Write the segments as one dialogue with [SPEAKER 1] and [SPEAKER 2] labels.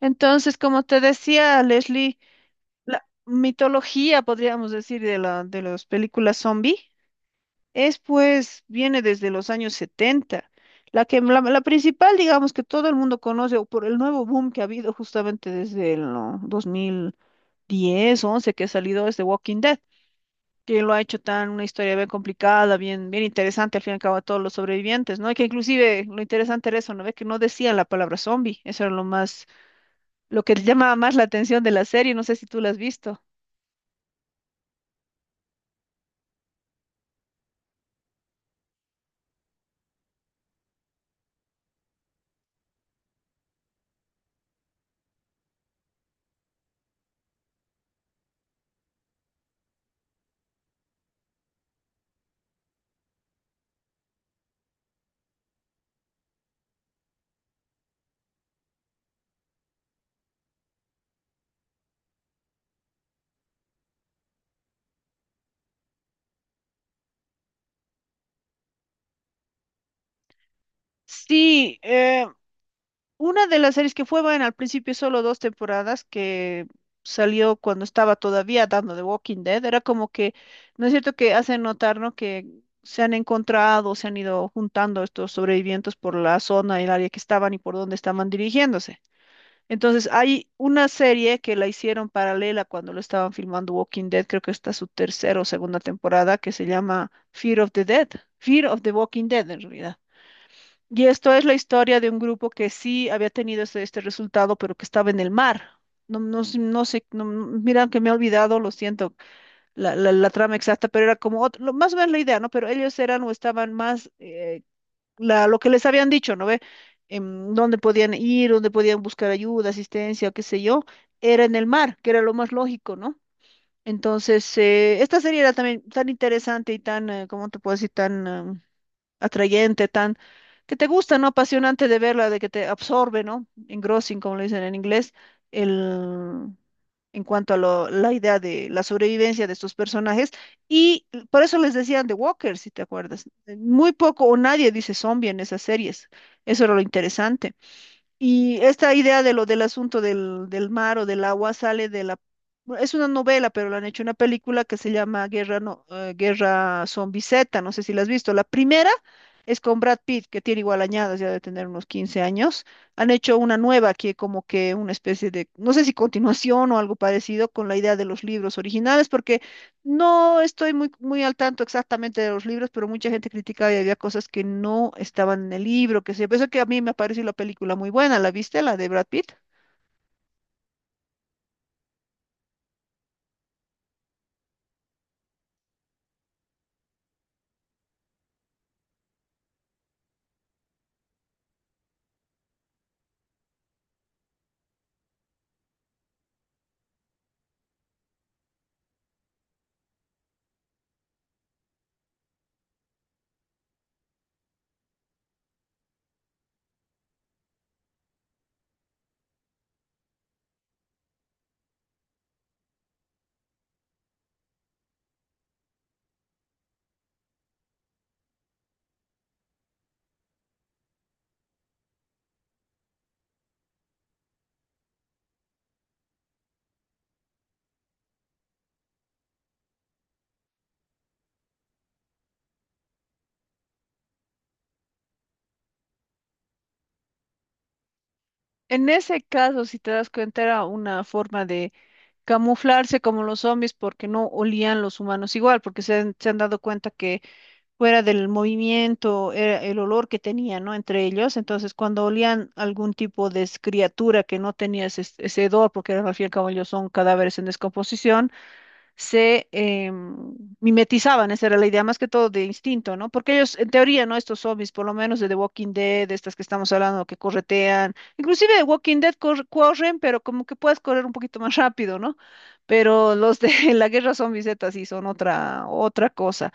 [SPEAKER 1] Entonces, como te decía, Leslie, la mitología, podríamos decir, de las películas zombie, es pues, viene desde los años 70. La principal, digamos, que todo el mundo conoce, o por el nuevo boom que ha habido justamente desde el, ¿no?, 2010, 2011, que ha salido, es The Walking Dead, que lo ha hecho tan una historia bien complicada, bien interesante, al fin y al cabo, a todos los sobrevivientes, ¿no? Y que inclusive lo interesante era eso, ¿no? Ve que no decían la palabra zombie, eso era lo más, lo que llamaba más la atención de la serie. No sé si tú la has visto. Sí, una de las series que fue buena al principio, solo dos temporadas, que salió cuando estaba todavía dando The Walking Dead, era como que, ¿no es cierto que hacen notar, ¿no?, que se han encontrado, se han ido juntando estos sobrevivientes por la zona y el área que estaban y por dónde estaban dirigiéndose? Entonces, hay una serie que la hicieron paralela cuando lo estaban filmando Walking Dead, creo que está su tercera o segunda temporada, que se llama Fear of the Dead, Fear of the Walking Dead en realidad. Y esto es la historia de un grupo que sí había tenido este, este resultado, pero que estaba en el mar. No sé, mira que me he olvidado, lo siento, la trama exacta, pero era como otro, más o menos la idea, ¿no? Pero ellos eran o estaban más, lo que les habían dicho, ¿no ve? Dónde podían ir, dónde podían buscar ayuda, asistencia, qué sé yo, era en el mar, que era lo más lógico, ¿no? Entonces, esta serie era también tan interesante y tan, ¿cómo te puedo decir? Tan atrayente, tan, que te gusta, ¿no? Apasionante de verla, de que te absorbe, ¿no? Engrossing, como le dicen en inglés, el, en cuanto a la idea de la sobrevivencia de estos personajes. Y por eso les decían The Walker, si te acuerdas. Muy poco o nadie dice zombie en esas series. Eso era lo interesante. Y esta idea de lo del asunto del, del mar o del agua sale de la, bueno, es una novela, pero la han hecho una película que se llama Guerra Zombie Z, no sé si la has visto. La primera es con Brad Pitt, que tiene igual añadas, ya de tener unos 15 años. Han hecho una nueva que como que una especie de, no sé si continuación o algo parecido con la idea de los libros originales, porque no estoy muy, muy al tanto exactamente de los libros, pero mucha gente criticaba y había cosas que no estaban en el libro, que sé yo. Por eso que a mí me pareció la película muy buena. ¿La viste? La de Brad Pitt. En ese caso, si te das cuenta, era una forma de camuflarse como los zombies porque no olían los humanos igual, porque se han dado cuenta que fuera del movimiento era el olor que tenían, ¿no? Entre ellos, entonces cuando olían algún tipo de criatura que no tenía ese hedor, porque al fin y al cabo ellos son cadáveres en descomposición, se mimetizaban, esa era la idea, más que todo de instinto, ¿no? Porque ellos, en teoría, ¿no? Estos zombies, por lo menos de The Walking Dead, de estas que estamos hablando, que corretean, inclusive de Walking Dead corren, pero como que puedes correr un poquito más rápido, ¿no? Pero los de la guerra zombie Z sí son otra, otra cosa.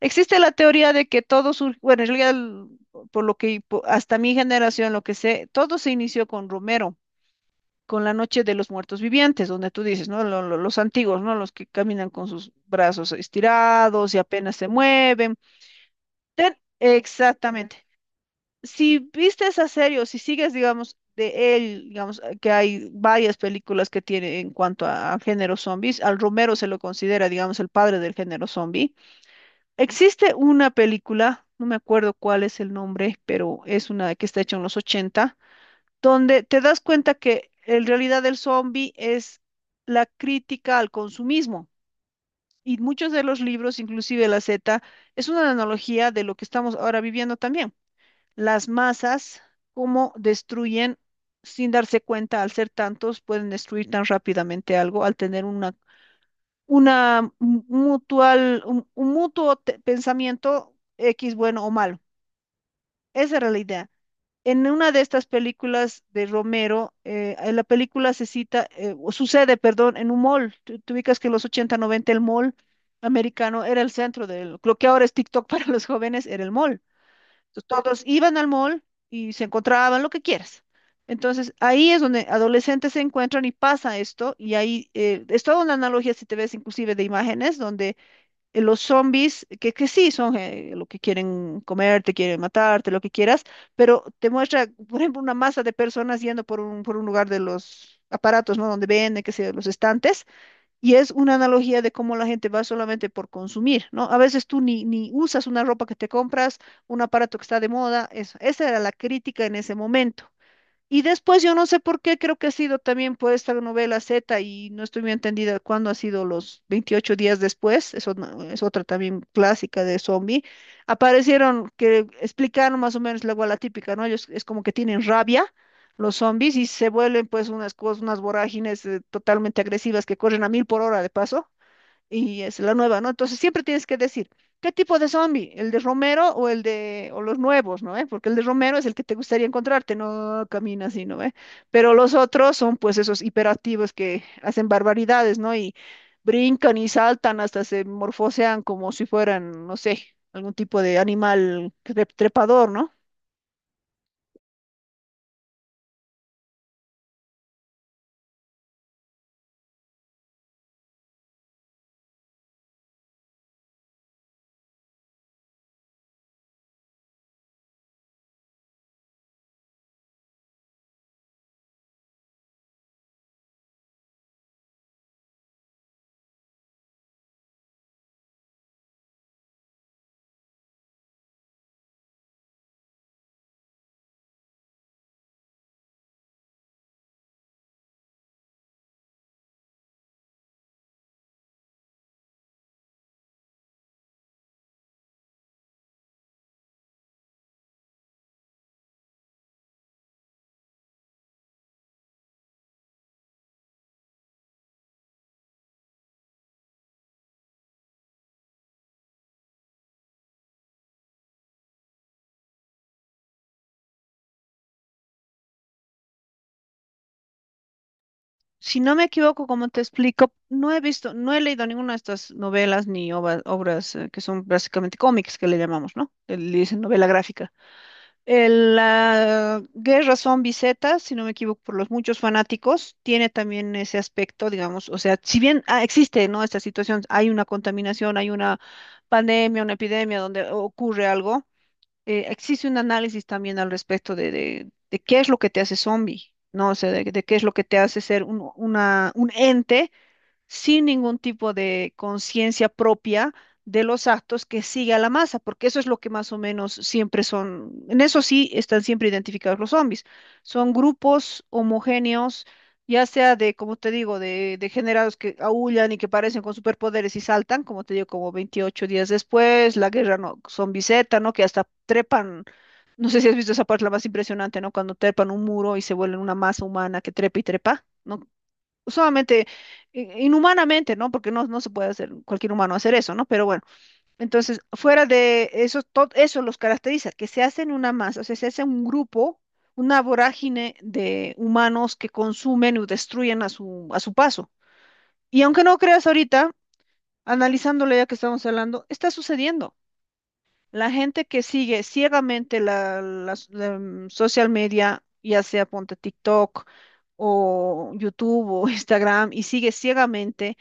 [SPEAKER 1] Existe la teoría de que todo surgió, bueno, en realidad, por lo que hasta mi generación, lo que sé, todo se inició con Romero, con la noche de los muertos vivientes, donde tú dices, ¿no? Los antiguos, ¿no? Los que caminan con sus brazos estirados y apenas se mueven. Exactamente. Si viste esa serie o si sigues, digamos, de él, digamos, que hay varias películas que tiene en cuanto a, género zombies, al Romero se lo considera, digamos, el padre del género zombie. Existe una película, no me acuerdo cuál es el nombre, pero es una que está hecha en los ochenta, donde te das cuenta que en realidad el zombie es la crítica al consumismo. Y muchos de los libros, inclusive la Z, es una analogía de lo que estamos ahora viviendo también. Las masas, cómo destruyen sin darse cuenta, al ser tantos, pueden destruir tan rápidamente algo, al tener una mutual, un mutuo pensamiento X bueno o malo. Esa era la idea. En una de estas películas de Romero, en la película se cita, o sucede, perdón, en un mall. Tú ubicas que en los ochenta, noventa, el mall americano era el centro del, lo que ahora es TikTok para los jóvenes, era el mall. Entonces, todos iban al mall y se encontraban lo que quieras. Entonces, ahí es donde adolescentes se encuentran y pasa esto, y ahí, es toda una analogía, si te ves inclusive de imágenes, donde, los zombies, que sí son, lo que quieren comerte, quieren matarte, lo que quieras, pero te muestra, por ejemplo, una masa de personas yendo por un, lugar de los aparatos, ¿no? Donde venden, qué sé yo, los estantes, y es una analogía de cómo la gente va solamente por consumir, ¿no? A veces tú ni usas una ropa que te compras, un aparato que está de moda, eso. Esa era la crítica en ese momento. Y después yo no sé por qué, creo que ha sido también por esta novela Z y no estoy muy entendida cuándo ha sido los 28 días después, eso, es otra también clásica de zombie, aparecieron que explicaron más o menos luego a la típica, ¿no? Ellos es como que tienen rabia los zombies y se vuelven pues unas cosas, unas vorágines, totalmente agresivas, que corren a mil por hora de paso, y es la nueva, ¿no? Entonces siempre tienes que decir, ¿qué tipo de zombie? ¿El de Romero o o los nuevos, ¿no?, eh? Porque el de Romero es el que te gustaría encontrarte, no camina así, ¿no?, eh? Pero los otros son pues esos hiperactivos que hacen barbaridades, ¿no? Y brincan y saltan hasta se morfosean como si fueran, no sé, algún tipo de animal trepador, ¿no? Si no me equivoco, como te explico, no he visto, no he leído ninguna de estas novelas ni obras, que son básicamente cómics que le llamamos, ¿no? Le dicen novela gráfica. El, la Guerra Zombie Z, si no me equivoco, por los muchos fanáticos, tiene también ese aspecto, digamos, o sea, si bien ah, existe, ¿no?, esta situación, hay una contaminación, hay una pandemia, una epidemia donde ocurre algo, existe un análisis también al respecto de qué es lo que te hace zombie, ¿no? O sea, de qué es lo que te hace ser un ente sin ningún tipo de conciencia propia de los actos, que sigue a la masa, porque eso es lo que más o menos siempre son, en eso sí están siempre identificados los zombies, son grupos homogéneos, ya sea de, como te digo, de degenerados que aúllan y que parecen con superpoderes y saltan, como te digo, como 28 días después, la guerra, no, zombie Z, ¿no?, que hasta trepan. No sé si has visto esa parte, la más impresionante, ¿no? Cuando trepan un muro y se vuelven una masa humana que trepa y trepa, ¿no?, solamente, inhumanamente, ¿no? Porque no, no se puede hacer cualquier humano hacer eso, ¿no? Pero bueno, entonces, fuera de eso, todo eso los caracteriza, que se hacen una masa, o sea, se hace un grupo, una vorágine de humanos que consumen o destruyen a a su paso. Y aunque no creas, ahorita, analizándolo ya que estamos hablando, está sucediendo. La gente que sigue ciegamente la, las social media, ya sea ponte TikTok o YouTube o Instagram, y sigue ciegamente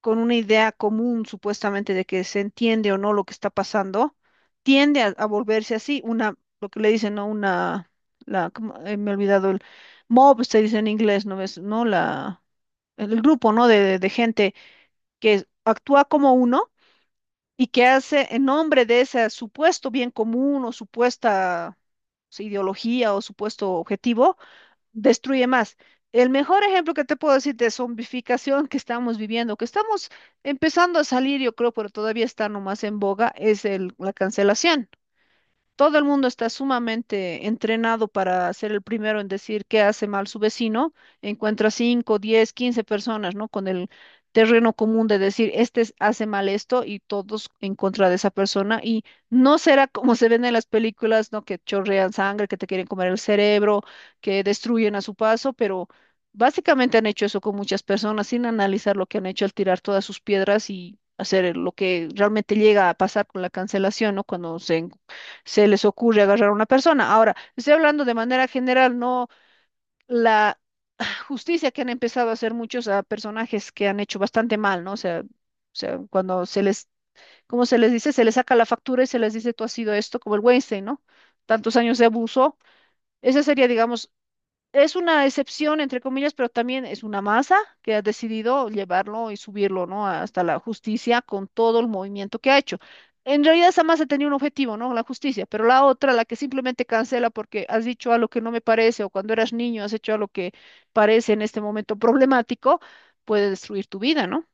[SPEAKER 1] con una idea común supuestamente de que se entiende o no lo que está pasando, tiende a volverse así, una, lo que le dicen, ¿no? Una, la, ¿cómo? Me he olvidado el mob, se dice en inglés, ¿no ves? ¿No? El grupo, ¿no?, de gente que actúa como uno y que hace en nombre de ese supuesto bien común o supuesta, sí, ideología o supuesto objetivo, destruye más. El mejor ejemplo que te puedo decir de zombificación que estamos viviendo, que estamos empezando a salir, yo creo, pero todavía está nomás en boga, es la cancelación. Todo el mundo está sumamente entrenado para ser el primero en decir qué hace mal su vecino. Encuentra 5, 10, 15 personas, ¿no?, con el terreno común de decir, este hace mal esto, y todos en contra de esa persona. Y no será como se ven en las películas, ¿no? Que chorrean sangre, que te quieren comer el cerebro, que destruyen a su paso, pero básicamente han hecho eso con muchas personas sin analizar lo que han hecho al tirar todas sus piedras y hacer lo que realmente llega a pasar con la cancelación, ¿no? Cuando se les ocurre agarrar a una persona. Ahora, estoy hablando de manera general, no la justicia que han empezado a hacer muchos a personajes que han hecho bastante mal, ¿no? O sea, cuando se les, ¿cómo se les dice?, se les saca la factura y se les dice, tú has sido esto, como el Weinstein, ¿no? Tantos años de abuso. Esa sería, digamos, es una excepción, entre comillas, pero también es una masa que ha decidido llevarlo y subirlo, ¿no?, hasta la justicia, con todo el movimiento que ha hecho. En realidad esa masa tenía un objetivo, ¿no? La justicia. Pero la otra, la que simplemente cancela porque has dicho algo que no me parece o cuando eras niño has hecho algo que parece en este momento problemático, puede destruir tu vida, ¿no?